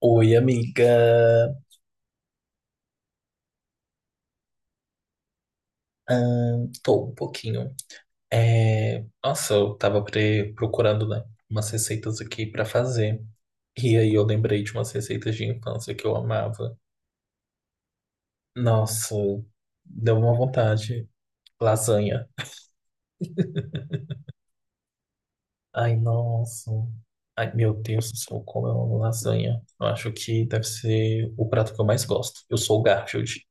Oi, amiga. Tô um pouquinho. Nossa, eu tava procurando, né, umas receitas aqui pra fazer. E aí eu lembrei de umas receitas de infância que eu amava. Nossa, deu uma vontade. Lasanha. Ai, nossa. Ai, meu Deus do céu, como eu amo lasanha. Eu acho que deve ser o prato que eu mais gosto. Eu sou o Garfield.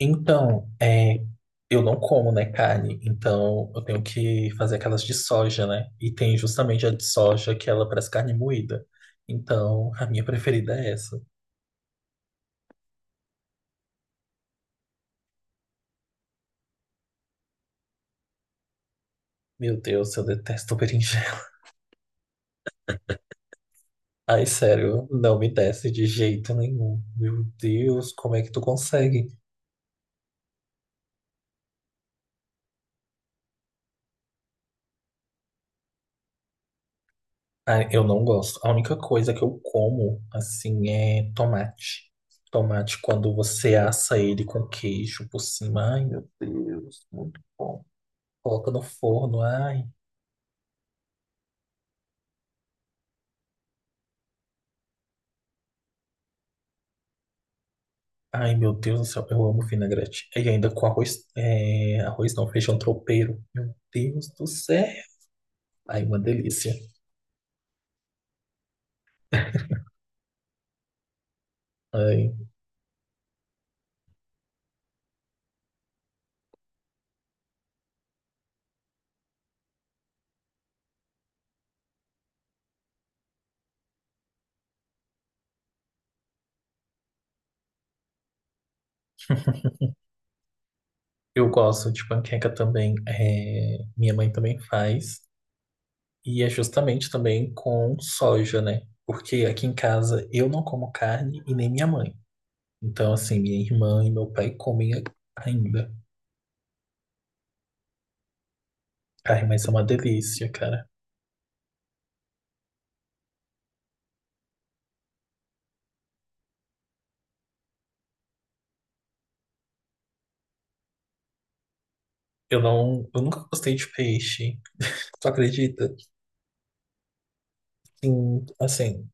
Então, é, eu não como, né, carne. Então, eu tenho que fazer aquelas de soja, né? E tem justamente a de soja que ela parece carne moída. Então, a minha preferida é essa. Meu Deus, eu detesto berinjela. Ai, sério, não me desce de jeito nenhum. Meu Deus, como é que tu consegue? Ai, eu não gosto. A única coisa que eu como, assim, é tomate. Tomate, quando você assa ele com queijo por cima. Ai, meu Deus, muito bom. Coloca no forno, ai. Ai, meu Deus do céu, eu amo vinagrete. E ainda com arroz, é, arroz não, feijão tropeiro. Meu Deus do céu. Ai, uma delícia. Ai, eu gosto de panqueca também. É, minha mãe também faz. E é justamente também com soja, né? Porque aqui em casa eu não como carne e nem minha mãe. Então, assim, minha irmã e meu pai comem ainda. Ai, mas é uma delícia, cara. Eu não, eu nunca gostei de peixe. Tu acredita? Sim, assim,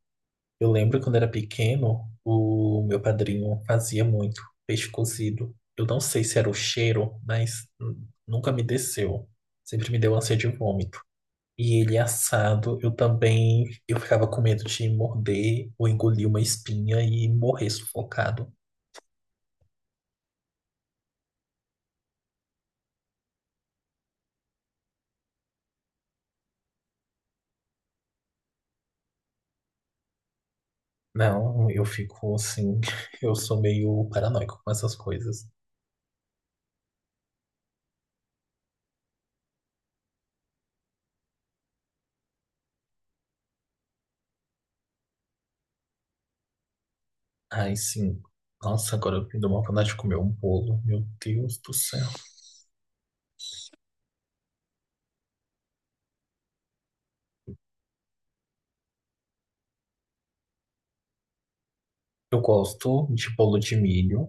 eu lembro quando era pequeno, o meu padrinho fazia muito peixe cozido. Eu não sei se era o cheiro, mas nunca me desceu. Sempre me deu ânsia de vômito. E ele assado, eu também, eu ficava com medo de morder ou engolir uma espinha e morrer sufocado. Não, eu fico assim, eu sou meio paranoico com essas coisas. Ai, sim. Nossa, agora eu me dou uma vontade de comer um bolo. Meu Deus do céu. Eu gosto de bolo de milho.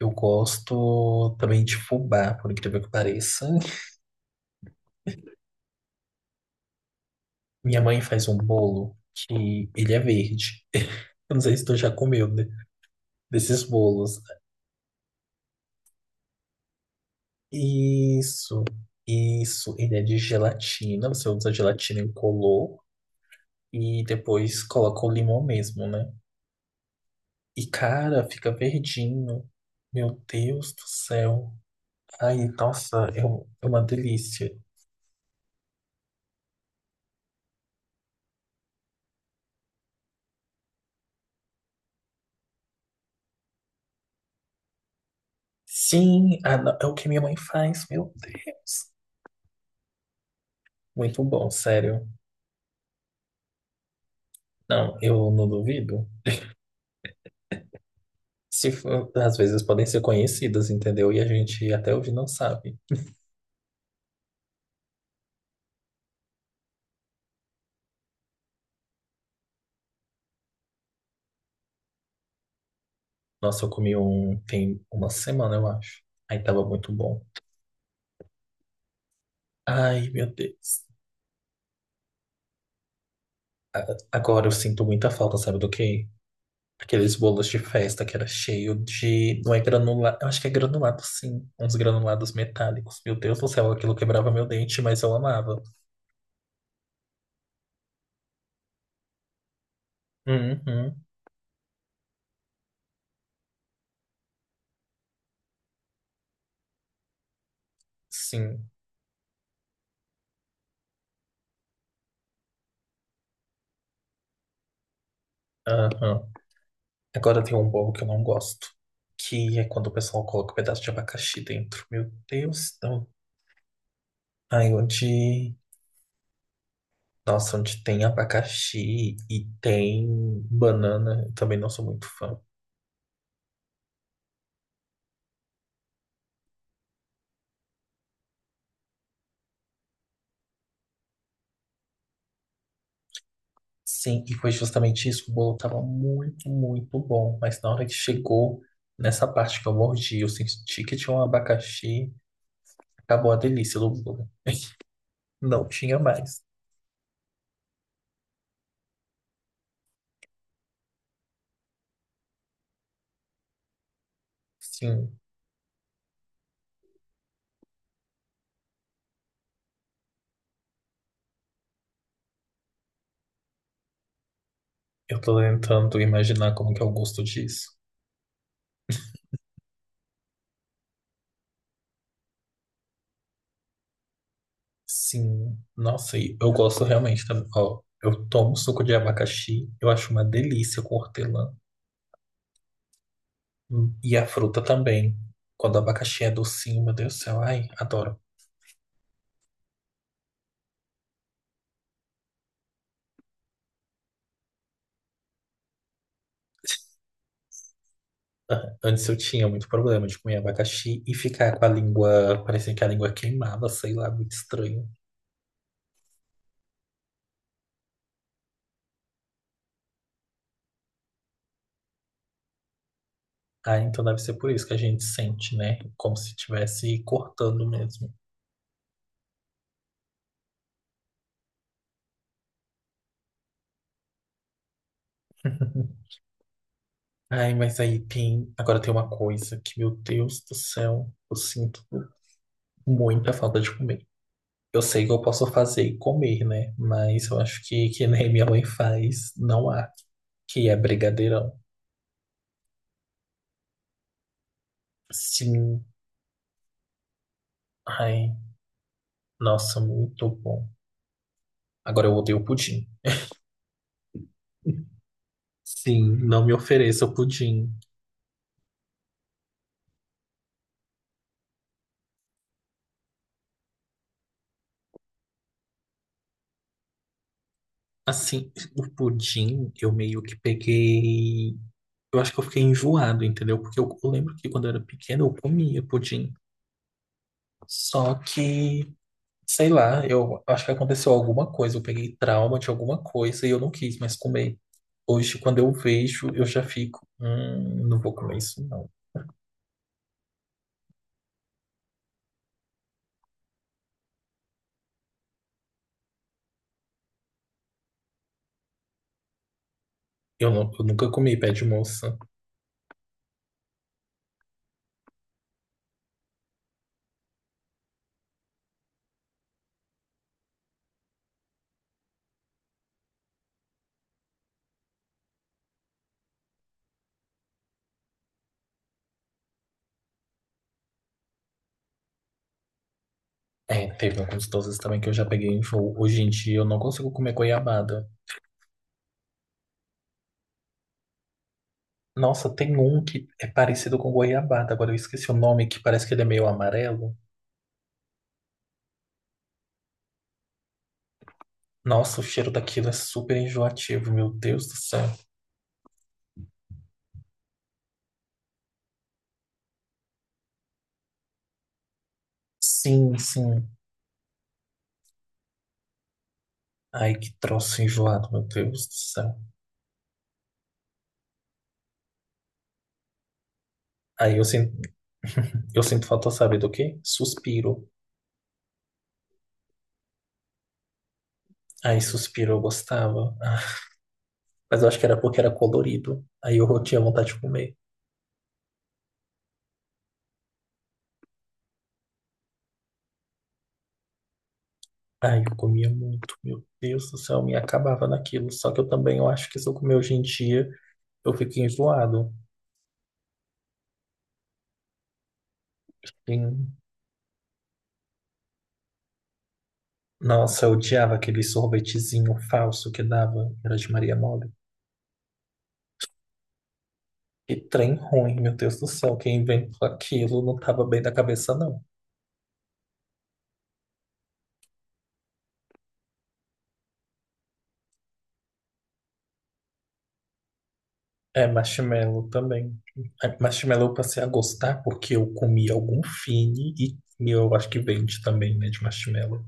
Eu gosto também de fubá, por incrível que pareça. Minha mãe faz um bolo que ele é verde. Eu não sei se tu já comeu desses bolos. Isso, isso. Ele é de gelatina. Você usa gelatina incolor e depois coloca o limão mesmo, né? E cara, fica verdinho. Meu Deus do céu. Ai, nossa, é uma delícia. Sim, ah, não, é o que minha mãe faz, meu Deus. Muito bom, sério. Não, eu não duvido. Se for- Às vezes podem ser conhecidas, entendeu? E a gente até hoje não sabe. Nossa, eu comi um tem uma semana, eu acho. Aí tava muito bom. Ai, meu Deus. A- Agora eu sinto muita falta, sabe do quê? Aqueles bolos de festa que era cheio de. Não é granulado. Eu acho que é granulado, sim. Uns granulados metálicos. Meu Deus do céu, aquilo quebrava meu dente, mas eu amava. Uhum, sim. Aham. Agora tem um bolo que eu não gosto, que é quando o pessoal coloca um pedaço de abacaxi dentro. Meu Deus, não. Aí onde. Nossa, onde tem abacaxi e tem banana, eu também não sou muito fã. Sim, e foi justamente isso. O bolo tava muito, muito bom, mas na hora que chegou nessa parte que eu mordi, eu senti que tinha um abacaxi, acabou a delícia do bolo. Não tinha mais. Sim, eu tô tentando imaginar como que é o gosto disso. Sim, nossa, e eu gosto realmente também. Ó, eu tomo suco de abacaxi, eu acho uma delícia com hortelã. E a fruta também. Quando o abacaxi é docinho, meu Deus do céu, ai, adoro. Antes eu tinha muito problema de comer abacaxi e ficar com a língua, parecia que a língua queimava, sei lá, muito estranho. Ah, então deve ser por isso que a gente sente, né? Como se estivesse cortando mesmo. Ai, mas aí tem. Agora tem uma coisa que, meu Deus do céu, eu sinto muita falta de comer. Eu sei que eu posso fazer e comer, né? Mas eu acho que nem minha mãe faz, não há. Que é brigadeirão. Sim. Ai, nossa, muito bom. Agora eu odeio pudim. Sim, não me ofereça o pudim. Assim, o pudim eu meio que peguei. Eu acho que eu fiquei enjoado, entendeu? Porque eu lembro que quando eu era pequeno eu comia pudim. Só que sei lá, eu acho que aconteceu alguma coisa, eu peguei trauma de alguma coisa e eu não quis mais comer. Hoje, quando eu vejo, eu já fico, não vou comer isso, não. Eu, eu nunca comi pé de moça. É, teve alguns doces também que eu já peguei em voo. Hoje em dia eu não consigo comer goiabada. Nossa, tem um que é parecido com goiabada, agora eu esqueci o nome, que parece que ele é meio amarelo. Nossa, o cheiro daquilo é super enjoativo, meu Deus do céu. Sim, sim. Ai, que troço enjoado, meu Deus do céu. Aí eu sinto eu sinto falta, sabe do quê? Suspiro. Aí suspiro eu gostava. Mas eu acho que era porque era colorido. Aí eu tinha vontade de comer. Ai, eu comia muito. Meu Deus do céu, eu me acabava naquilo. Só que eu também eu acho que se eu comer hoje em dia, eu fico enjoado. E, nossa, eu odiava aquele sorvetezinho falso que dava. Era de Maria Mole. Que trem ruim, meu Deus do céu. Quem inventou aquilo não tava bem da cabeça, não. É, marshmallow também. É, marshmallow eu passei a gostar porque eu comi algum fine e eu acho que vende também, né, de marshmallow.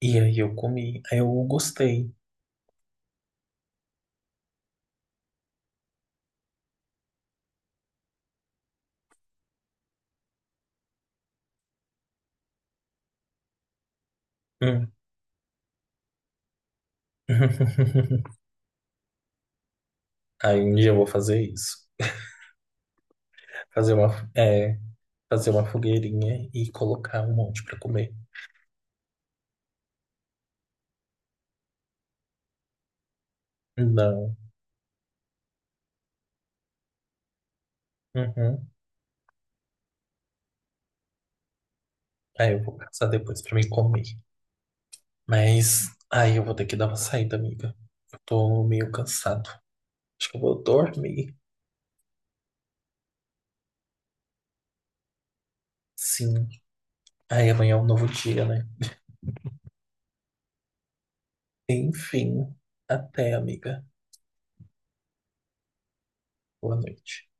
E aí eu comi, aí eu gostei. Hum. Aí um dia eu vou fazer isso. Fazer uma, é, fazer uma fogueirinha e colocar um monte pra comer. Não. Uhum. Aí eu vou caçar depois pra me comer. Mas aí eu vou ter que dar uma saída, amiga. Eu tô meio cansado. Acho que eu vou dormir. Sim. Aí amanhã é um novo dia, né? Enfim, até, amiga. Boa noite.